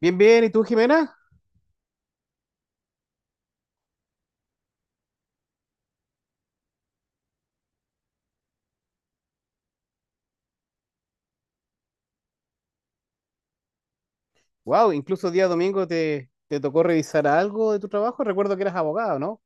Bien, bien, ¿y tú, Jimena? Wow, incluso día domingo te tocó revisar algo de tu trabajo. Recuerdo que eras abogado, ¿no?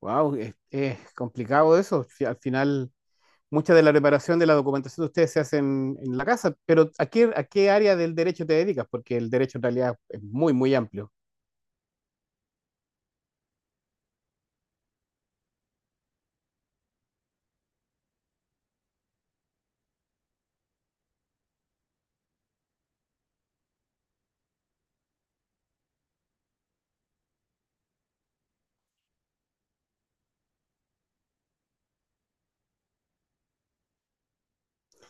Wow, es complicado eso. Si al final, mucha de la preparación de la documentación de ustedes se hace en la casa, pero ¿a qué área del derecho te dedicas? Porque el derecho en realidad es muy, muy amplio.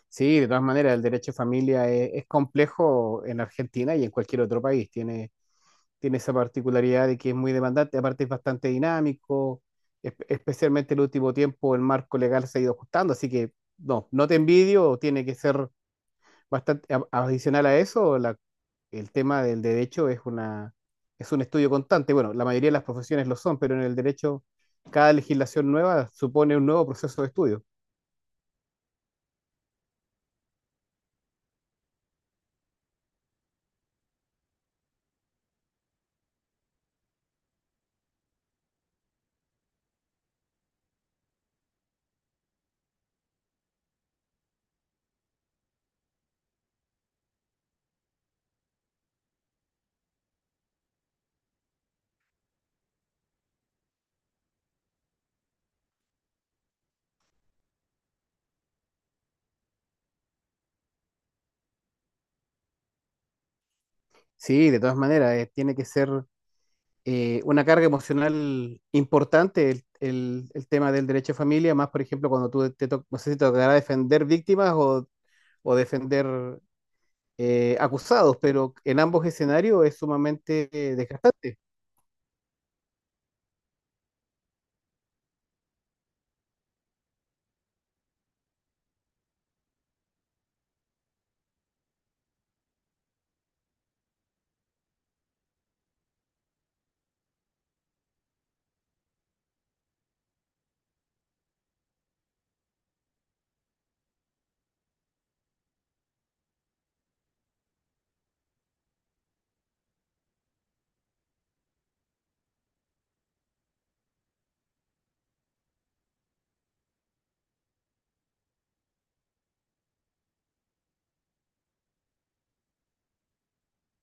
Sí, de todas maneras, el derecho de familia es complejo en Argentina y en cualquier otro país. Tiene esa particularidad de que es muy demandante, aparte es bastante dinámico, especialmente el último tiempo el marco legal se ha ido ajustando, así que no, no te envidio, tiene que ser bastante adicional a eso, el tema del derecho es un estudio constante. Bueno, la mayoría de las profesiones lo son, pero en el derecho cada legislación nueva supone un nuevo proceso de estudio. Sí, de todas maneras, tiene que ser una carga emocional importante el tema del derecho de familia, más por ejemplo cuando no sé si te tocará defender víctimas o defender acusados, pero en ambos escenarios es sumamente desgastante.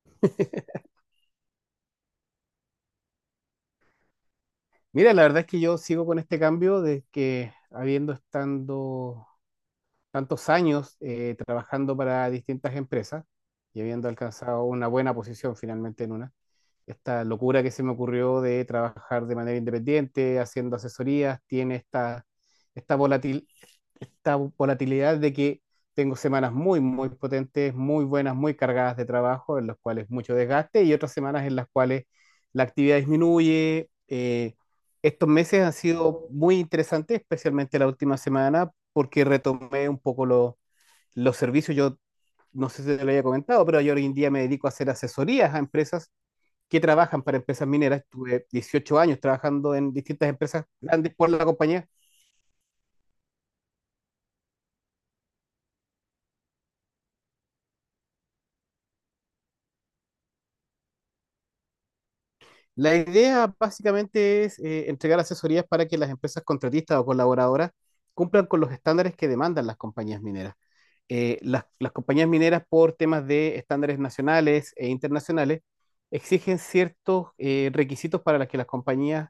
Mira, la verdad es que yo sigo con este cambio de que habiendo estando tantos años trabajando para distintas empresas y habiendo alcanzado una buena posición finalmente en una, esta locura que se me ocurrió de trabajar de manera independiente, haciendo asesorías, tiene esta, volatil, esta volatilidad de que tengo semanas muy, muy potentes, muy buenas, muy cargadas de trabajo, en las cuales mucho desgaste, y otras semanas en las cuales la actividad disminuye. Estos meses han sido muy interesantes, especialmente la última semana, porque retomé un poco los servicios. Yo no sé si te lo había comentado, pero yo hoy en día me dedico a hacer asesorías a empresas que trabajan para empresas mineras. Estuve 18 años trabajando en distintas empresas grandes por la compañía. La idea básicamente es entregar asesorías para que las empresas contratistas o colaboradoras cumplan con los estándares que demandan las compañías mineras. Las compañías mineras, por temas de estándares nacionales e internacionales, exigen ciertos requisitos para las que las compañías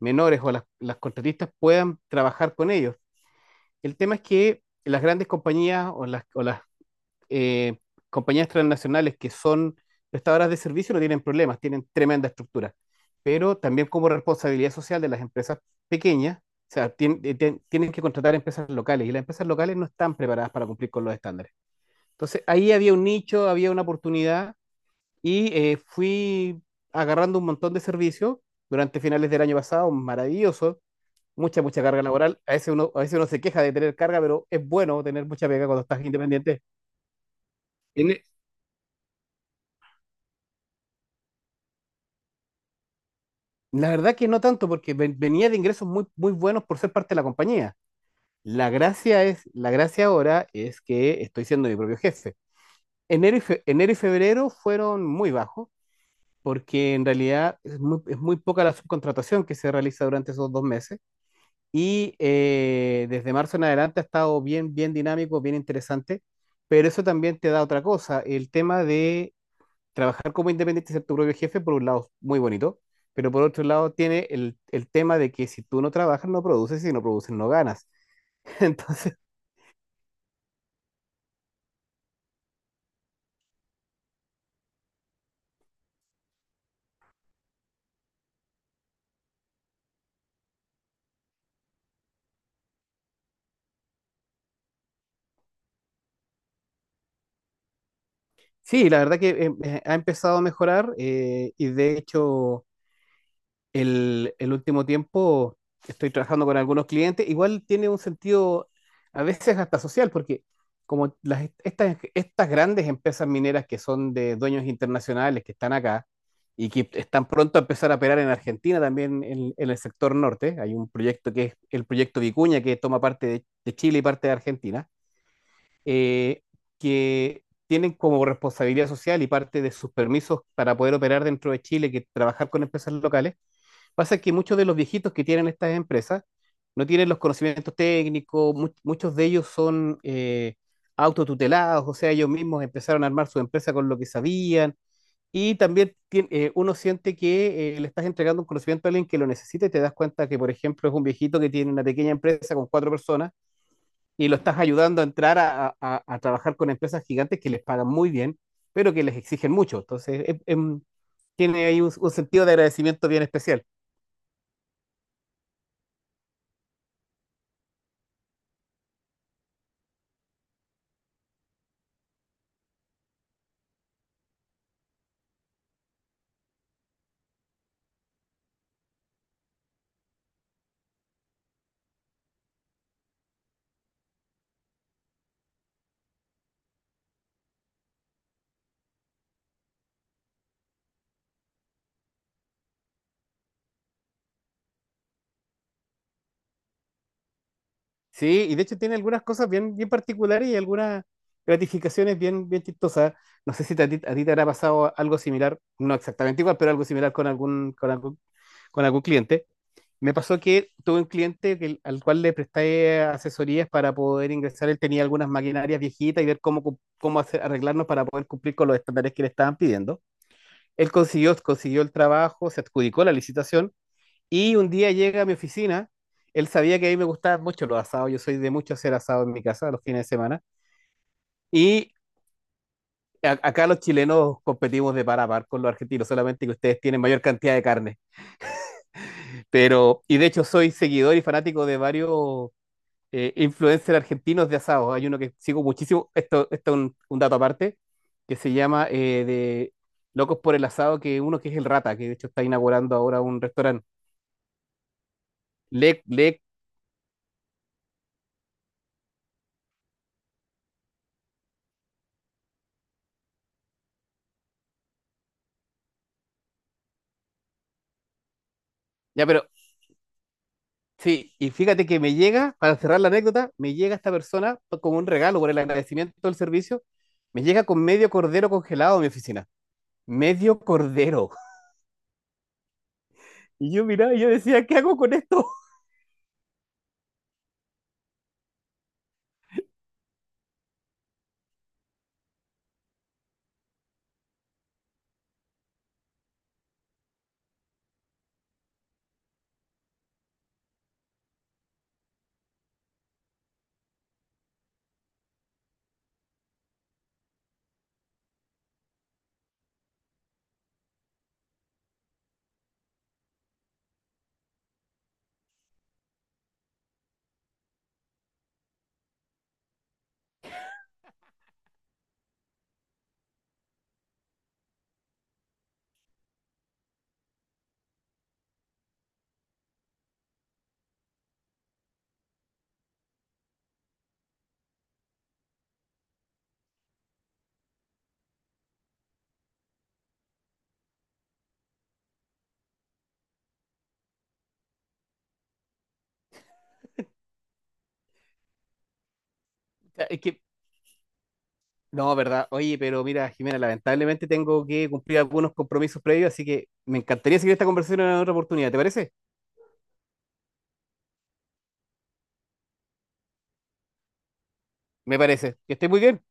menores o las contratistas puedan trabajar con ellos. El tema es que las grandes compañías o las eh, compañías transnacionales que son prestadoras de servicio no tienen problemas, tienen tremenda estructura. Pero también como responsabilidad social de las empresas pequeñas, o sea, tienen que contratar empresas locales, y las empresas locales no están preparadas para cumplir con los estándares. Entonces, ahí había un nicho, había una oportunidad, y fui agarrando un montón de servicios durante finales del año pasado, maravilloso, mucha, mucha carga laboral. A veces uno se queja de tener carga, pero es bueno tener mucha pega cuando estás independiente. En, La verdad que no tanto, porque venía de ingresos muy, muy buenos por ser parte de la compañía. La gracia ahora es que estoy siendo mi propio jefe. Enero y febrero fueron muy bajos, porque en realidad es muy poca la subcontratación que se realiza durante esos dos meses. Y desde marzo en adelante ha estado bien, bien dinámico, bien interesante. Pero eso también te da otra cosa, el tema trabajar como independiente y ser tu propio jefe, por un lado, es muy bonito, pero por otro lado tiene el tema de que si tú no trabajas, no produces, y si no produces, no ganas. Entonces, sí, la verdad que ha empezado a mejorar, y de hecho el último tiempo estoy trabajando con algunos clientes. Igual tiene un sentido a veces hasta social, porque como estas grandes empresas mineras que son de dueños internacionales que están acá y que están pronto a empezar a operar en Argentina también en el sector norte, hay un proyecto que es el proyecto Vicuña, que toma parte de Chile y parte de Argentina, eh, que tienen como responsabilidad social y parte de sus permisos para poder operar dentro de Chile, que trabajar con empresas locales. Pasa que muchos de los viejitos que tienen estas empresas no tienen los conocimientos técnicos, muchos de ellos son autotutelados, o sea, ellos mismos empezaron a armar su empresa con lo que sabían. Y también uno siente que le estás entregando un conocimiento a alguien que lo necesita, y te das cuenta que, por ejemplo, es un viejito que tiene una pequeña empresa con cuatro personas y lo estás ayudando a entrar a trabajar con empresas gigantes que les pagan muy bien, pero que les exigen mucho. Entonces, es, tiene ahí un sentido de agradecimiento bien especial. Sí, y de hecho tiene algunas cosas bien, bien particulares y algunas gratificaciones bien, bien chistosas. No sé si a ti te habrá pasado algo similar, no exactamente igual, pero algo similar con con algún cliente. Me pasó que tuve un cliente al cual le presté asesorías para poder ingresar. Él tenía algunas maquinarias viejitas y ver cómo, cu- cómo hacer- arreglarnos para poder cumplir con los estándares que le estaban pidiendo. Él consiguió el trabajo, se adjudicó la licitación y un día llega a mi oficina. Él sabía que a mí me gustaban mucho los asados, yo soy de mucho hacer asado en mi casa los fines de semana, y acá los chilenos competimos de par a par con los argentinos, solamente que ustedes tienen mayor cantidad de carne. Pero, y de hecho soy seguidor y fanático de varios influencers argentinos de asado. Hay uno que sigo muchísimo, esto es un dato aparte, que se llama de Locos por el Asado, que uno que es el Rata, que de hecho está inaugurando ahora un restaurante. Le, ya, pero Sí, y fíjate que me llega, para cerrar la anécdota, me llega esta persona como un regalo por el agradecimiento del servicio, me llega con medio cordero congelado a mi oficina. Medio cordero. Y yo miraba y yo decía, ¿qué hago con esto? O sea, no, verdad. Oye, pero mira, Jimena, lamentablemente tengo que cumplir algunos compromisos previos, así que me encantaría seguir esta conversación en otra oportunidad. ¿Te parece? Me parece. Que estés muy bien.